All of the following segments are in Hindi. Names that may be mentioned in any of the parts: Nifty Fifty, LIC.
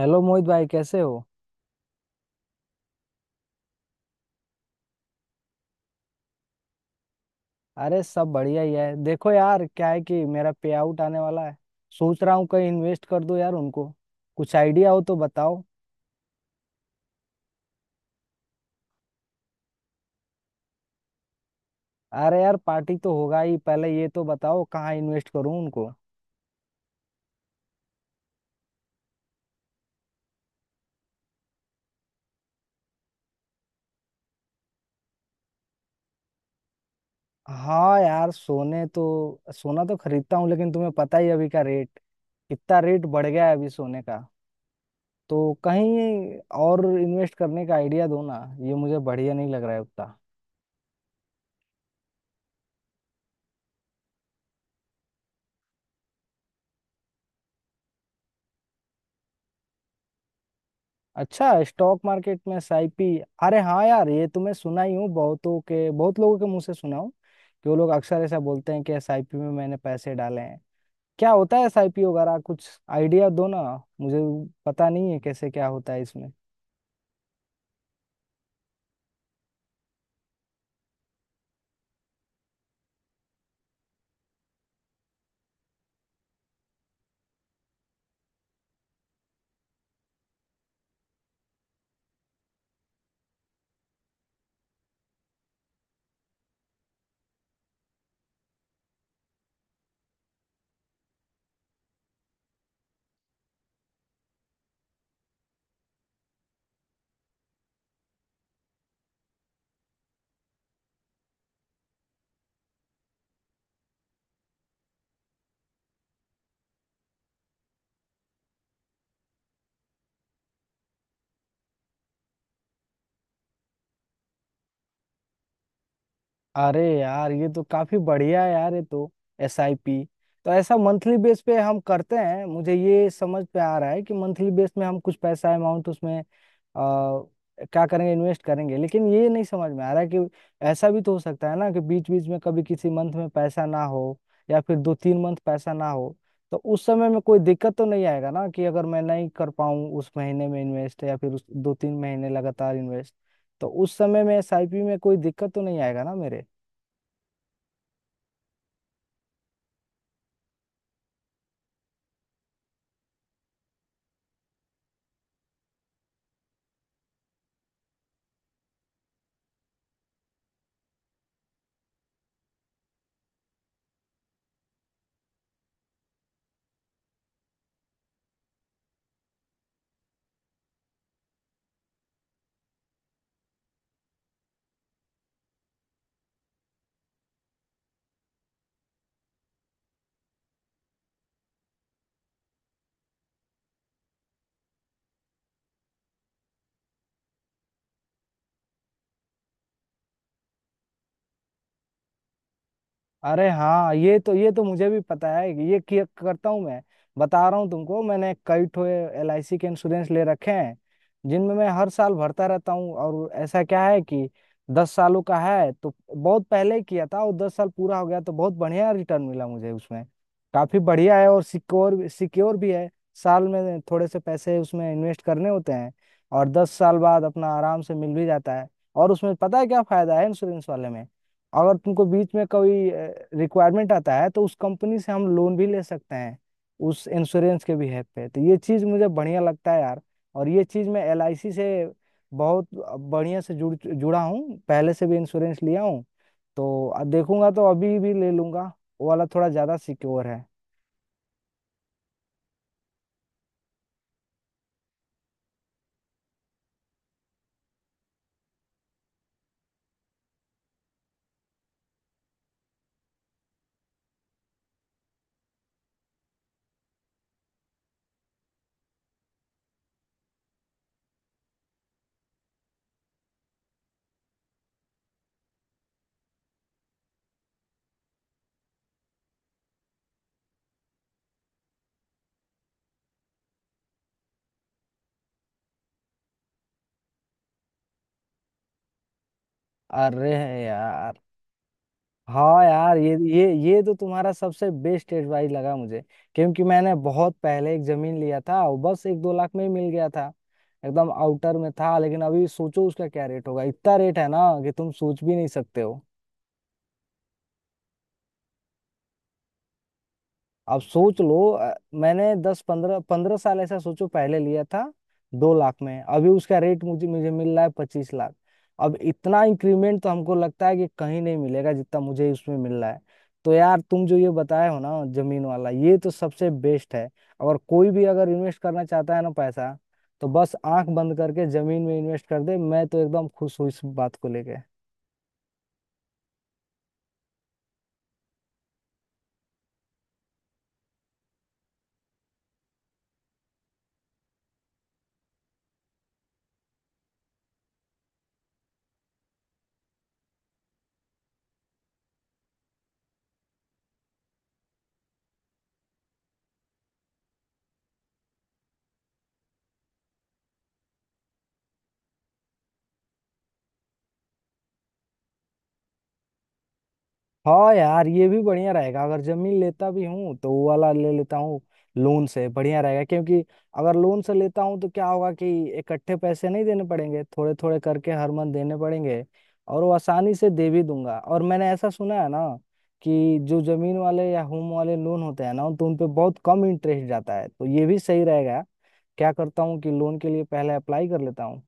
हेलो मोहित भाई कैसे हो? अरे सब बढ़िया ही है। देखो यार क्या है कि मेरा पे आउट आने वाला है। सोच रहा हूँ कहीं इन्वेस्ट कर दूं यार उनको। कुछ आइडिया हो तो बताओ। अरे यार पार्टी तो होगा ही। पहले ये तो बताओ कहाँ इन्वेस्ट करूँ उनको। हाँ यार सोने तो सोना तो खरीदता हूँ लेकिन तुम्हें पता ही है अभी का रेट। कितना रेट बढ़ गया है अभी सोने का। तो कहीं और इन्वेस्ट करने का आइडिया दो ना। ये मुझे बढ़िया नहीं लग रहा है उतना। अच्छा, स्टॉक मार्केट में साइपी। अरे हाँ यार ये तो मैं सुना ही हूँ। बहुत लोगों के मुंह से सुना हूँ कि वो लोग अक्सर ऐसा बोलते हैं कि एसआईपी में मैंने पैसे डाले हैं। क्या होता है एसआईपी वगैरह कुछ? आइडिया दो ना मुझे। पता नहीं है कैसे क्या होता है इसमें। अरे यार ये तो काफी बढ़िया है यार, ये तो एसआईपी। तो ऐसा मंथली बेस पे हम करते हैं। मुझे ये समझ पे आ रहा है कि मंथली बेस में हम कुछ पैसा अमाउंट उसमें क्या करेंगे, इन्वेस्ट करेंगे। लेकिन ये नहीं समझ में आ रहा है कि ऐसा भी तो हो सकता है ना कि बीच बीच में कभी किसी मंथ में पैसा ना हो या फिर दो तीन मंथ पैसा ना हो। तो उस समय में कोई दिक्कत तो नहीं आएगा ना कि अगर मैं नहीं कर पाऊँ उस महीने में इन्वेस्ट या फिर उस दो तीन महीने लगातार इन्वेस्ट। तो उस समय में एसआईपी में कोई दिक्कत तो नहीं आएगा ना मेरे? अरे हाँ, ये तो मुझे भी पता है। ये किया करता हूँ मैं। बता रहा हूँ तुमको, मैंने कई ठो एलआईसी के इंश्योरेंस ले रखे हैं जिनमें मैं हर साल भरता रहता हूँ। और ऐसा क्या है कि दस सालों का है तो बहुत पहले किया था और दस साल पूरा हो गया तो बहुत बढ़िया रिटर्न मिला मुझे उसमें। काफी बढ़िया है और सिक्योर सिक्योर भी है। साल में थोड़े से पैसे उसमें इन्वेस्ट करने होते हैं और दस साल बाद अपना आराम से मिल भी जाता है। और उसमें पता है क्या फायदा है इंश्योरेंस वाले में? अगर तुमको बीच में कोई रिक्वायरमेंट आता है तो उस कंपनी से हम लोन भी ले सकते हैं उस इंश्योरेंस के भी हेल्प पे। तो ये चीज़ मुझे बढ़िया लगता है यार। और ये चीज़ मैं LIC से बहुत बढ़िया से जुड़ा हूँ। पहले से भी इंश्योरेंस लिया हूँ। तो अब देखूंगा तो अभी भी ले लूंगा। वो वाला थोड़ा ज़्यादा सिक्योर है। अरे यार, हाँ यार ये तो तुम्हारा सबसे बेस्ट एडवाइस लगा मुझे। क्योंकि मैंने बहुत पहले एक जमीन लिया था। वो बस एक दो लाख में ही मिल गया था। एकदम आउटर में था, लेकिन अभी सोचो उसका क्या रेट होगा। इतना रेट है ना कि तुम सोच भी नहीं सकते हो। आप सोच लो। मैंने दस पंद्रह पंद्रह साल ऐसा सोचो पहले लिया था। दो लाख में। अभी उसका रेट मुझे मुझे मिल रहा है पच्चीस लाख। अब इतना इंक्रीमेंट तो हमको लगता है कि कहीं नहीं मिलेगा जितना मुझे उसमें मिल रहा है। तो यार तुम जो ये बताए हो ना जमीन वाला, ये तो सबसे बेस्ट है। और कोई भी अगर इन्वेस्ट करना चाहता है ना पैसा, तो बस आंख बंद करके जमीन में इन्वेस्ट कर दे। मैं तो एकदम खुश हूँ इस बात को लेके। हाँ यार ये भी बढ़िया रहेगा। अगर जमीन लेता भी हूँ तो वो वाला ले लेता हूँ, लोन से बढ़िया रहेगा। क्योंकि अगर लोन से लेता हूँ तो क्या होगा कि इकट्ठे पैसे नहीं देने पड़ेंगे, थोड़े थोड़े करके हर मंथ देने पड़ेंगे और वो आसानी से दे भी दूंगा। और मैंने ऐसा सुना है ना कि जो जमीन वाले या होम वाले लोन होते हैं ना तो उन पे बहुत कम इंटरेस्ट जाता है, तो ये भी सही रहेगा। क्या करता हूँ कि लोन के लिए पहले अप्लाई कर लेता हूँ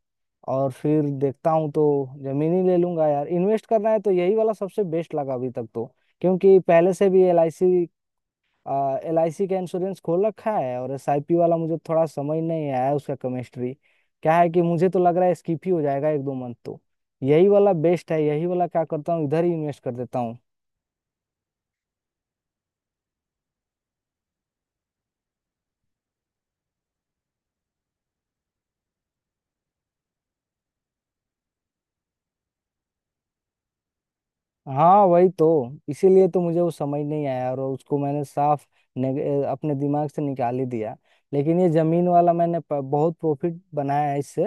और फिर देखता हूँ। तो जमीन ही ले लूंगा यार, इन्वेस्ट करना है तो यही वाला सबसे बेस्ट लगा अभी तक तो। क्योंकि पहले से भी एल आई सी का इंश्योरेंस खोल रखा है। और एसआईपी वाला मुझे थोड़ा समझ नहीं आया उसका केमिस्ट्री क्या है। कि मुझे तो लग रहा है स्किप ही हो जाएगा एक दो मंथ तो। यही वाला बेस्ट है। यही वाला क्या करता हूँ, इधर ही इन्वेस्ट कर देता हूँ। हाँ वही तो। इसीलिए तो मुझे वो समझ नहीं आया और उसको मैंने साफ अपने दिमाग से निकाल ही दिया। लेकिन ये जमीन वाला मैंने बहुत प्रॉफिट बनाया है इससे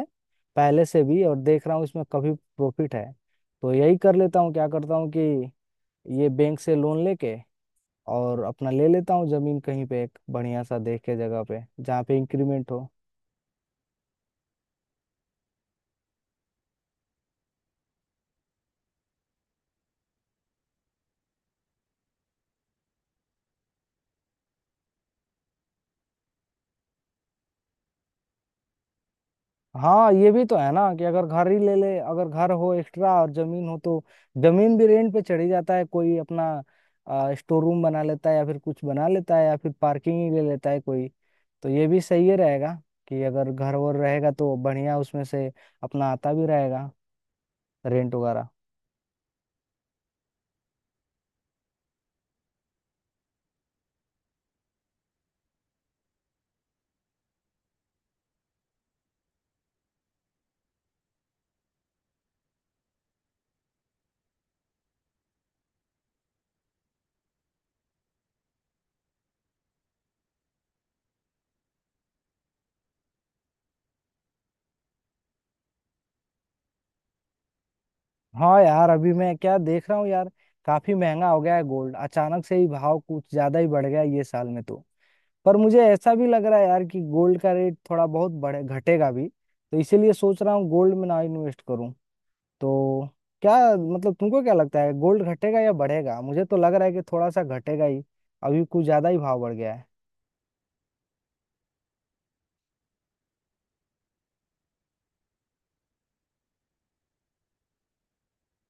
पहले से भी। और देख रहा हूँ इसमें काफी प्रॉफिट है। तो यही कर लेता हूँ, क्या करता हूँ कि ये बैंक से लोन लेके और अपना ले लेता हूँ जमीन कहीं पे, एक बढ़िया सा देख के जगह पे जहाँ पे इंक्रीमेंट हो। हाँ ये भी तो है ना कि अगर घर ही ले ले, अगर घर हो एक्स्ट्रा और जमीन हो तो जमीन भी रेंट पे चढ़ी जाता है। कोई अपना स्टोर रूम बना लेता है या फिर कुछ बना लेता है या फिर पार्किंग ही ले लेता है कोई। तो ये भी सही ही रहेगा कि अगर घर वर रहेगा तो बढ़िया, उसमें से अपना आता भी रहेगा रेंट वगैरह। हाँ यार अभी मैं क्या देख रहा हूँ यार, काफी महंगा हो गया है गोल्ड। अचानक से ही भाव कुछ ज्यादा ही बढ़ गया है ये साल में तो। पर मुझे ऐसा भी लग रहा है यार कि गोल्ड का रेट थोड़ा बहुत बढ़े घटेगा भी, तो इसीलिए सोच रहा हूँ गोल्ड में ना इन्वेस्ट करूँ। तो क्या मतलब, तुमको क्या लगता है गोल्ड घटेगा या बढ़ेगा? मुझे तो लग रहा है कि थोड़ा सा घटेगा ही। अभी कुछ ज्यादा ही भाव बढ़ गया है।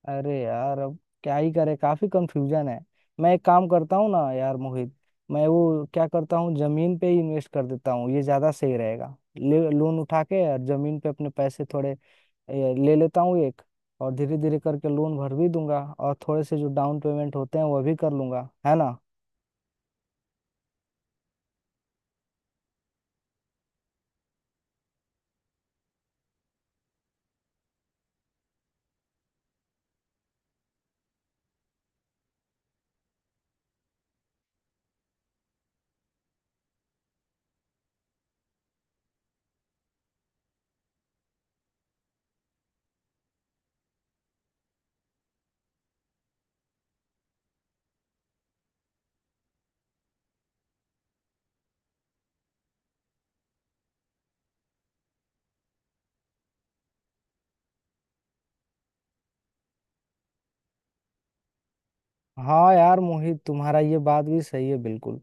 अरे यार अब क्या ही करे, काफी कंफ्यूजन है। मैं एक काम करता हूँ ना यार मोहित, मैं वो क्या करता हूँ, जमीन पे ही इन्वेस्ट कर देता हूँ, ये ज्यादा सही रहेगा। ले लोन उठा के और जमीन पे अपने पैसे थोड़े ले लेता हूँ एक। और धीरे धीरे करके लोन भर भी दूंगा और थोड़े से जो डाउन पेमेंट होते हैं वह भी कर लूंगा, है ना। हाँ यार मोहित, तुम्हारा ये बात भी सही है बिल्कुल।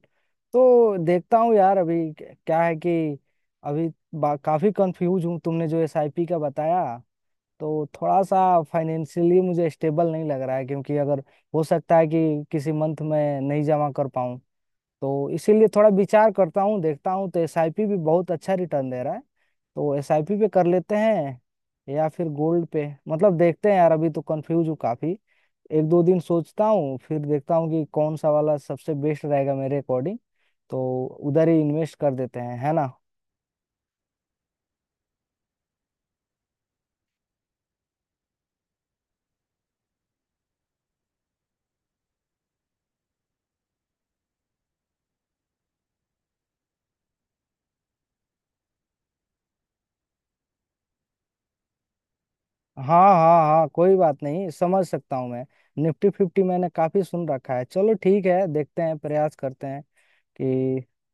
तो देखता हूँ यार अभी, क्या है कि अभी काफी कंफ्यूज हूँ। तुमने जो एसआईपी का बताया तो थोड़ा सा फाइनेंशियली मुझे स्टेबल नहीं लग रहा है, क्योंकि अगर हो सकता है कि किसी मंथ में नहीं जमा कर पाऊँ। तो इसीलिए थोड़ा विचार करता हूँ। देखता हूँ, तो एसआईपी भी बहुत अच्छा रिटर्न दे रहा है तो एसआईपी पे कर लेते हैं या फिर गोल्ड पे। मतलब देखते हैं यार, अभी तो कंफ्यूज हूँ काफी। एक दो दिन सोचता हूँ फिर देखता हूँ कि कौन सा वाला सबसे बेस्ट रहेगा मेरे अकॉर्डिंग। तो उधर ही इन्वेस्ट कर देते हैं, है ना। हाँ हाँ हाँ, कोई बात नहीं, समझ सकता हूँ मैं। निफ्टी फिफ्टी मैंने काफी सुन रखा है। चलो ठीक है देखते हैं, प्रयास करते हैं कि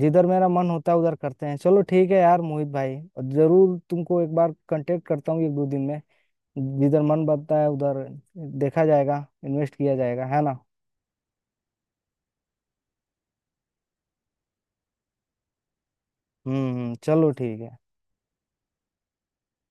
जिधर मेरा मन होता है उधर करते हैं। चलो ठीक है यार मोहित भाई, और जरूर तुमको एक बार कांटेक्ट करता हूँ एक दो दिन में। जिधर मन बनता है उधर देखा जाएगा, इन्वेस्ट किया जाएगा, है ना। चलो ठीक है।